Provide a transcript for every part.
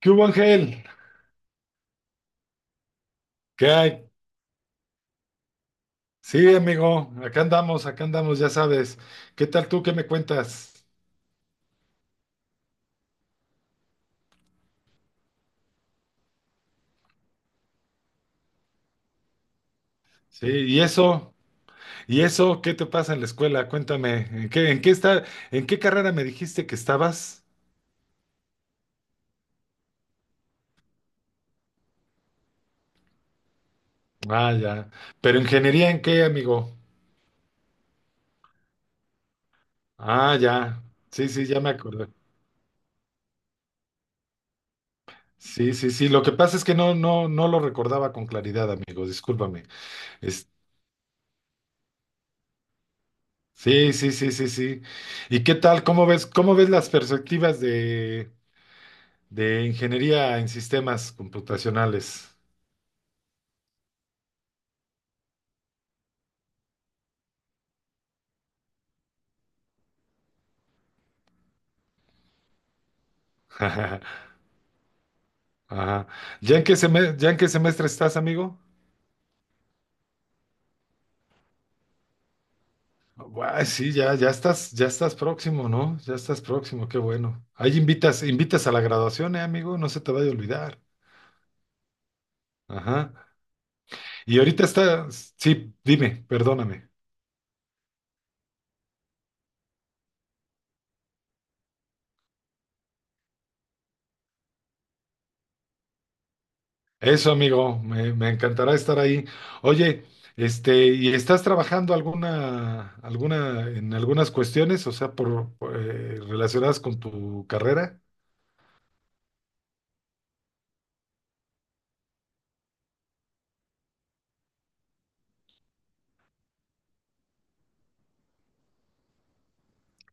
¿Qué hubo, Ángel? ¿Qué hay? Sí, amigo, acá andamos, ya sabes. ¿Qué tal tú? ¿Qué me cuentas? Sí, ¿y eso? ¿Y eso? ¿Qué te pasa en la escuela? Cuéntame, ¿en qué está, en qué carrera me dijiste que estabas? Ah, ya. ¿Pero ingeniería en qué, amigo? Ah, ya. Sí, sí, ya me acordé. Sí, sí, sí. Lo que pasa es que no lo recordaba con claridad, amigo. Discúlpame. Es- sí, sí, sí, sí, sí. ¿Y qué tal? ¿Cómo ves las perspectivas de ingeniería en sistemas computacionales. Ajá. ¿Ya en qué semestre estás, amigo? Guay, sí, ya, ya estás próximo, ¿no? Ya estás próximo, qué bueno. Ahí invitas, invitas a la graduación, amigo, no se te vaya a olvidar. Ajá. Y ahorita está, sí, dime, perdóname. Eso, amigo, me encantará estar ahí. Oye, ¿y estás trabajando en algunas cuestiones, o sea, por relacionadas con tu carrera?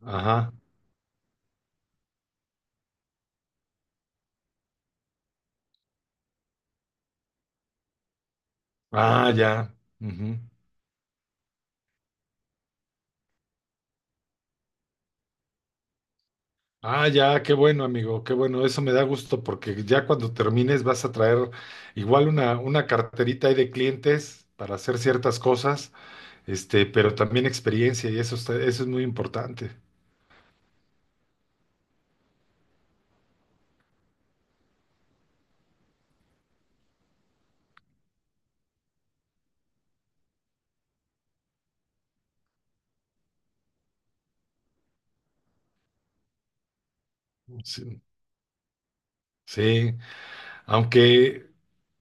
Ajá. Ah, ya. Ujú. Ah, ya, qué bueno, amigo, qué bueno. Eso me da gusto porque ya cuando termines vas a traer igual una carterita ahí de clientes para hacer ciertas cosas, pero también experiencia y eso es muy importante. Sí, sí. Aunque,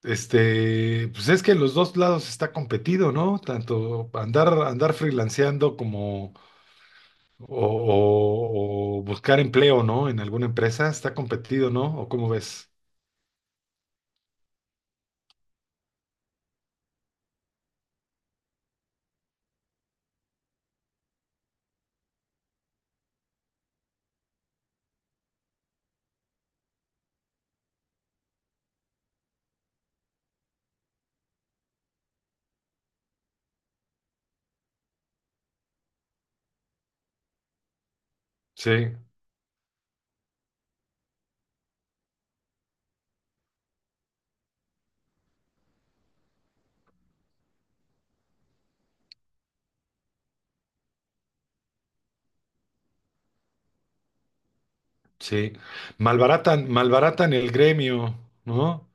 pues es que en los dos lados está competido, ¿no? Tanto andar freelanceando como o buscar empleo, ¿no? En alguna empresa está competido, ¿no? ¿O cómo ves? Sí, sí. Malbaratan, malbaratan el gremio, ¿no?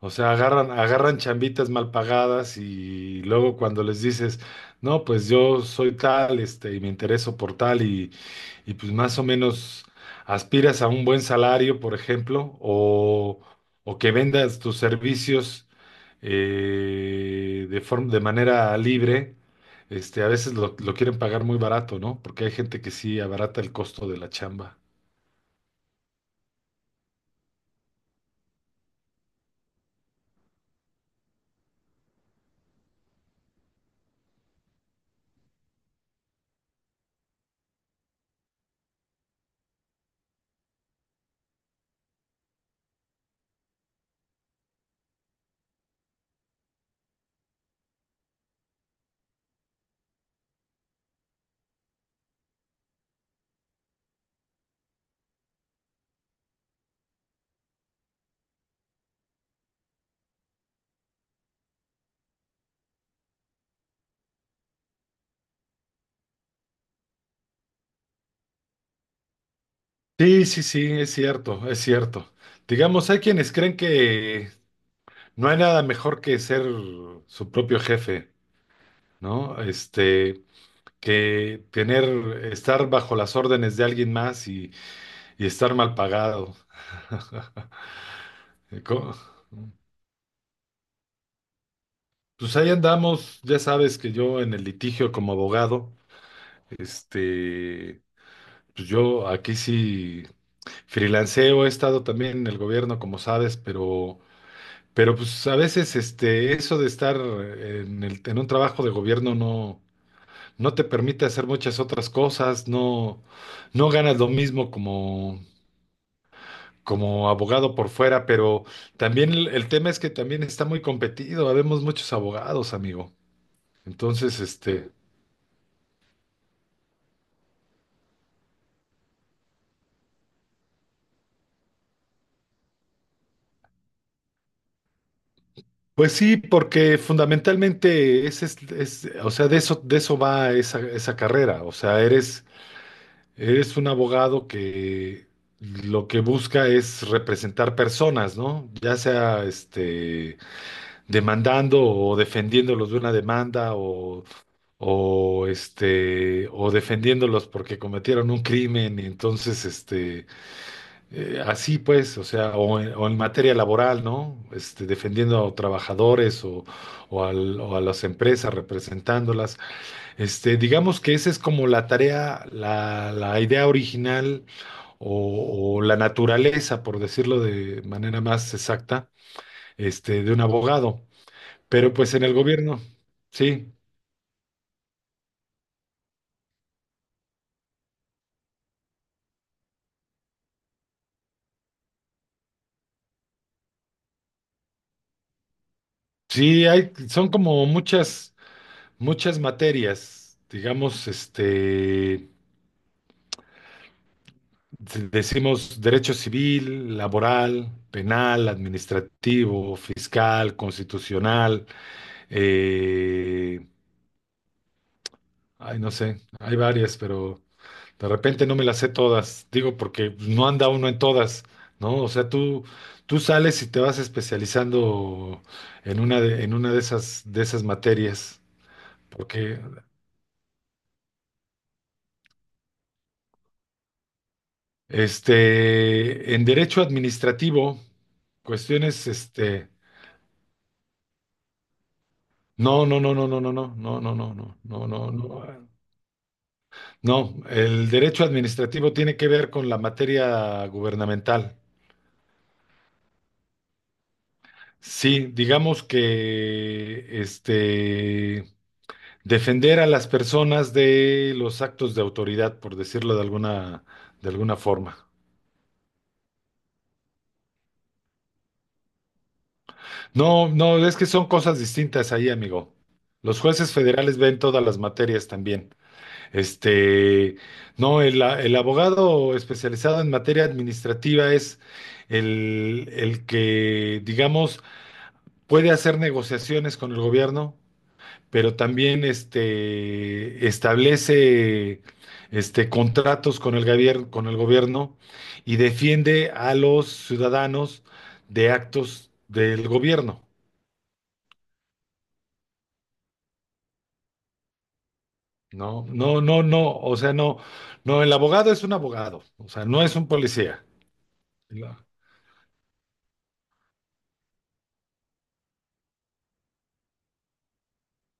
O sea, agarran, agarran chambitas mal pagadas y luego cuando les dices, no, pues yo soy tal, y me intereso por tal, y pues más o menos aspiras a un buen salario, por ejemplo, o que vendas tus servicios de forma, de manera libre, a veces lo quieren pagar muy barato, ¿no? Porque hay gente que sí abarata el costo de la chamba. Sí, sí, sí, es cierto, es cierto. Digamos, hay quienes creen que no hay nada mejor que ser su propio jefe, ¿no? Que tener, estar bajo las órdenes de alguien más y estar mal pagado. Co- Pues ahí andamos, ya sabes que yo en el litigio como abogado. Este, pues yo aquí sí freelanceo, he estado también en el gobierno, como sabes, pero pues a veces eso de estar en en un trabajo de gobierno no, no te permite hacer muchas otras cosas, no, no ganas lo mismo como, como abogado por fuera, pero también el tema es que también está muy competido, habemos muchos abogados, amigo. Entonces, pues sí, porque fundamentalmente o sea, de eso va esa carrera. O sea, eres un abogado que lo que busca es representar personas, ¿no? Ya sea demandando o defendiéndolos de una demanda o, o defendiéndolos porque cometieron un crimen. Y entonces, así pues, o sea, o en materia laboral, ¿no? Este, defendiendo a trabajadores o, o a las empresas, representándolas. Digamos que esa es como la tarea, la idea original o la naturaleza, por decirlo de manera más exacta, de un abogado. Pero pues en el gobierno, sí, sí, hay, son como muchas materias, digamos. Este, decimos derecho civil, laboral, penal, administrativo, fiscal, constitucional, eh, ay, no sé, hay varias, pero de repente no me las sé todas, digo, porque no anda uno en todas, ¿no? O sea, tú sales y te vas especializando en una de esas materias, porque en derecho administrativo, cuestiones, no, no, no, no, no, no, no, no, no, no, no, no, no, no. No, el derecho administrativo tiene que ver con la materia gubernamental. Sí, digamos que defender a las personas de los actos de autoridad, por decirlo de alguna forma. No, no, es que son cosas distintas ahí, amigo. Los jueces federales ven todas las materias también. Este, no, el abogado especializado en materia administrativa es el que, digamos, puede hacer negociaciones con el gobierno, pero también establece contratos con el gobierno y defiende a los ciudadanos de actos del gobierno. No, no, no, no, o sea, no, no, el abogado es un abogado, o sea, no es un policía. ¿No?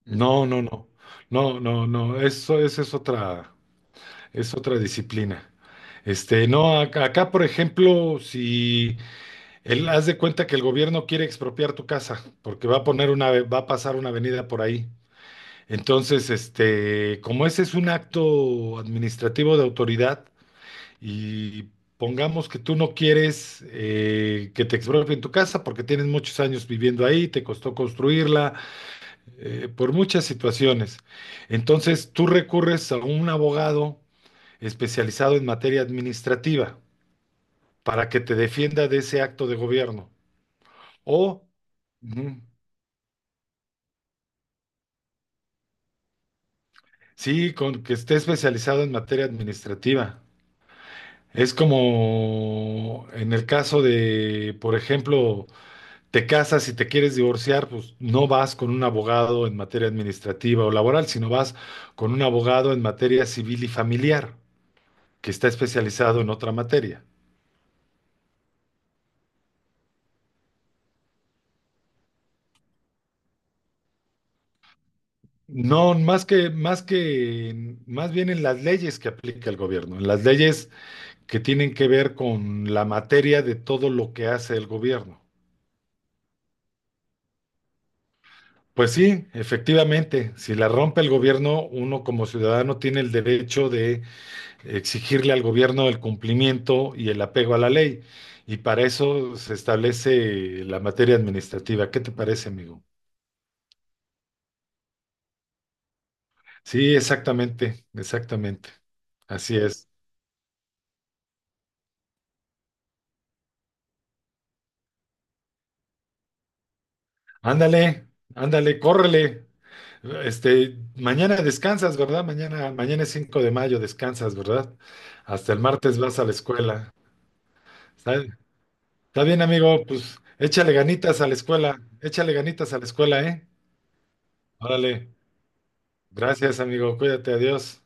No, no, no. No, no, no. Eso, esa es otra disciplina. No, acá, por ejemplo, si él haz de cuenta que el gobierno quiere expropiar tu casa, porque va a poner va a pasar una avenida por ahí. Entonces, como ese es un acto administrativo de autoridad, y pongamos que tú no quieres que te expropien tu casa porque tienes muchos años viviendo ahí, te costó construirla por muchas situaciones. Entonces, tú recurres a un abogado especializado en materia administrativa para que te defienda de ese acto de gobierno. O, ujú, sí, con que esté especializado en materia administrativa. Es como en el caso de, por ejemplo, te casas y te quieres divorciar, pues no vas con un abogado en materia administrativa o laboral, sino vas con un abogado en materia civil y familiar, que está especializado en otra materia. No, más bien en las leyes que aplica el gobierno, en las leyes que tienen que ver con la materia de todo lo que hace el gobierno. Pues sí, efectivamente, si la rompe el gobierno, uno como ciudadano tiene el derecho de exigirle al gobierno el cumplimiento y el apego a la ley. Y para eso se establece la materia administrativa. ¿Qué te parece, amigo? Sí, exactamente, exactamente. Así es. Ándale, ándale, córrele. Mañana descansas, ¿verdad? Mañana, mañana es 5 de mayo, descansas, ¿verdad? Hasta el martes vas a la escuela. ¿Está, está bien, amigo? Pues échale ganitas a la escuela, échale ganitas a la escuela, ¿eh? Órale. Gracias, amigo. Cuídate, adiós.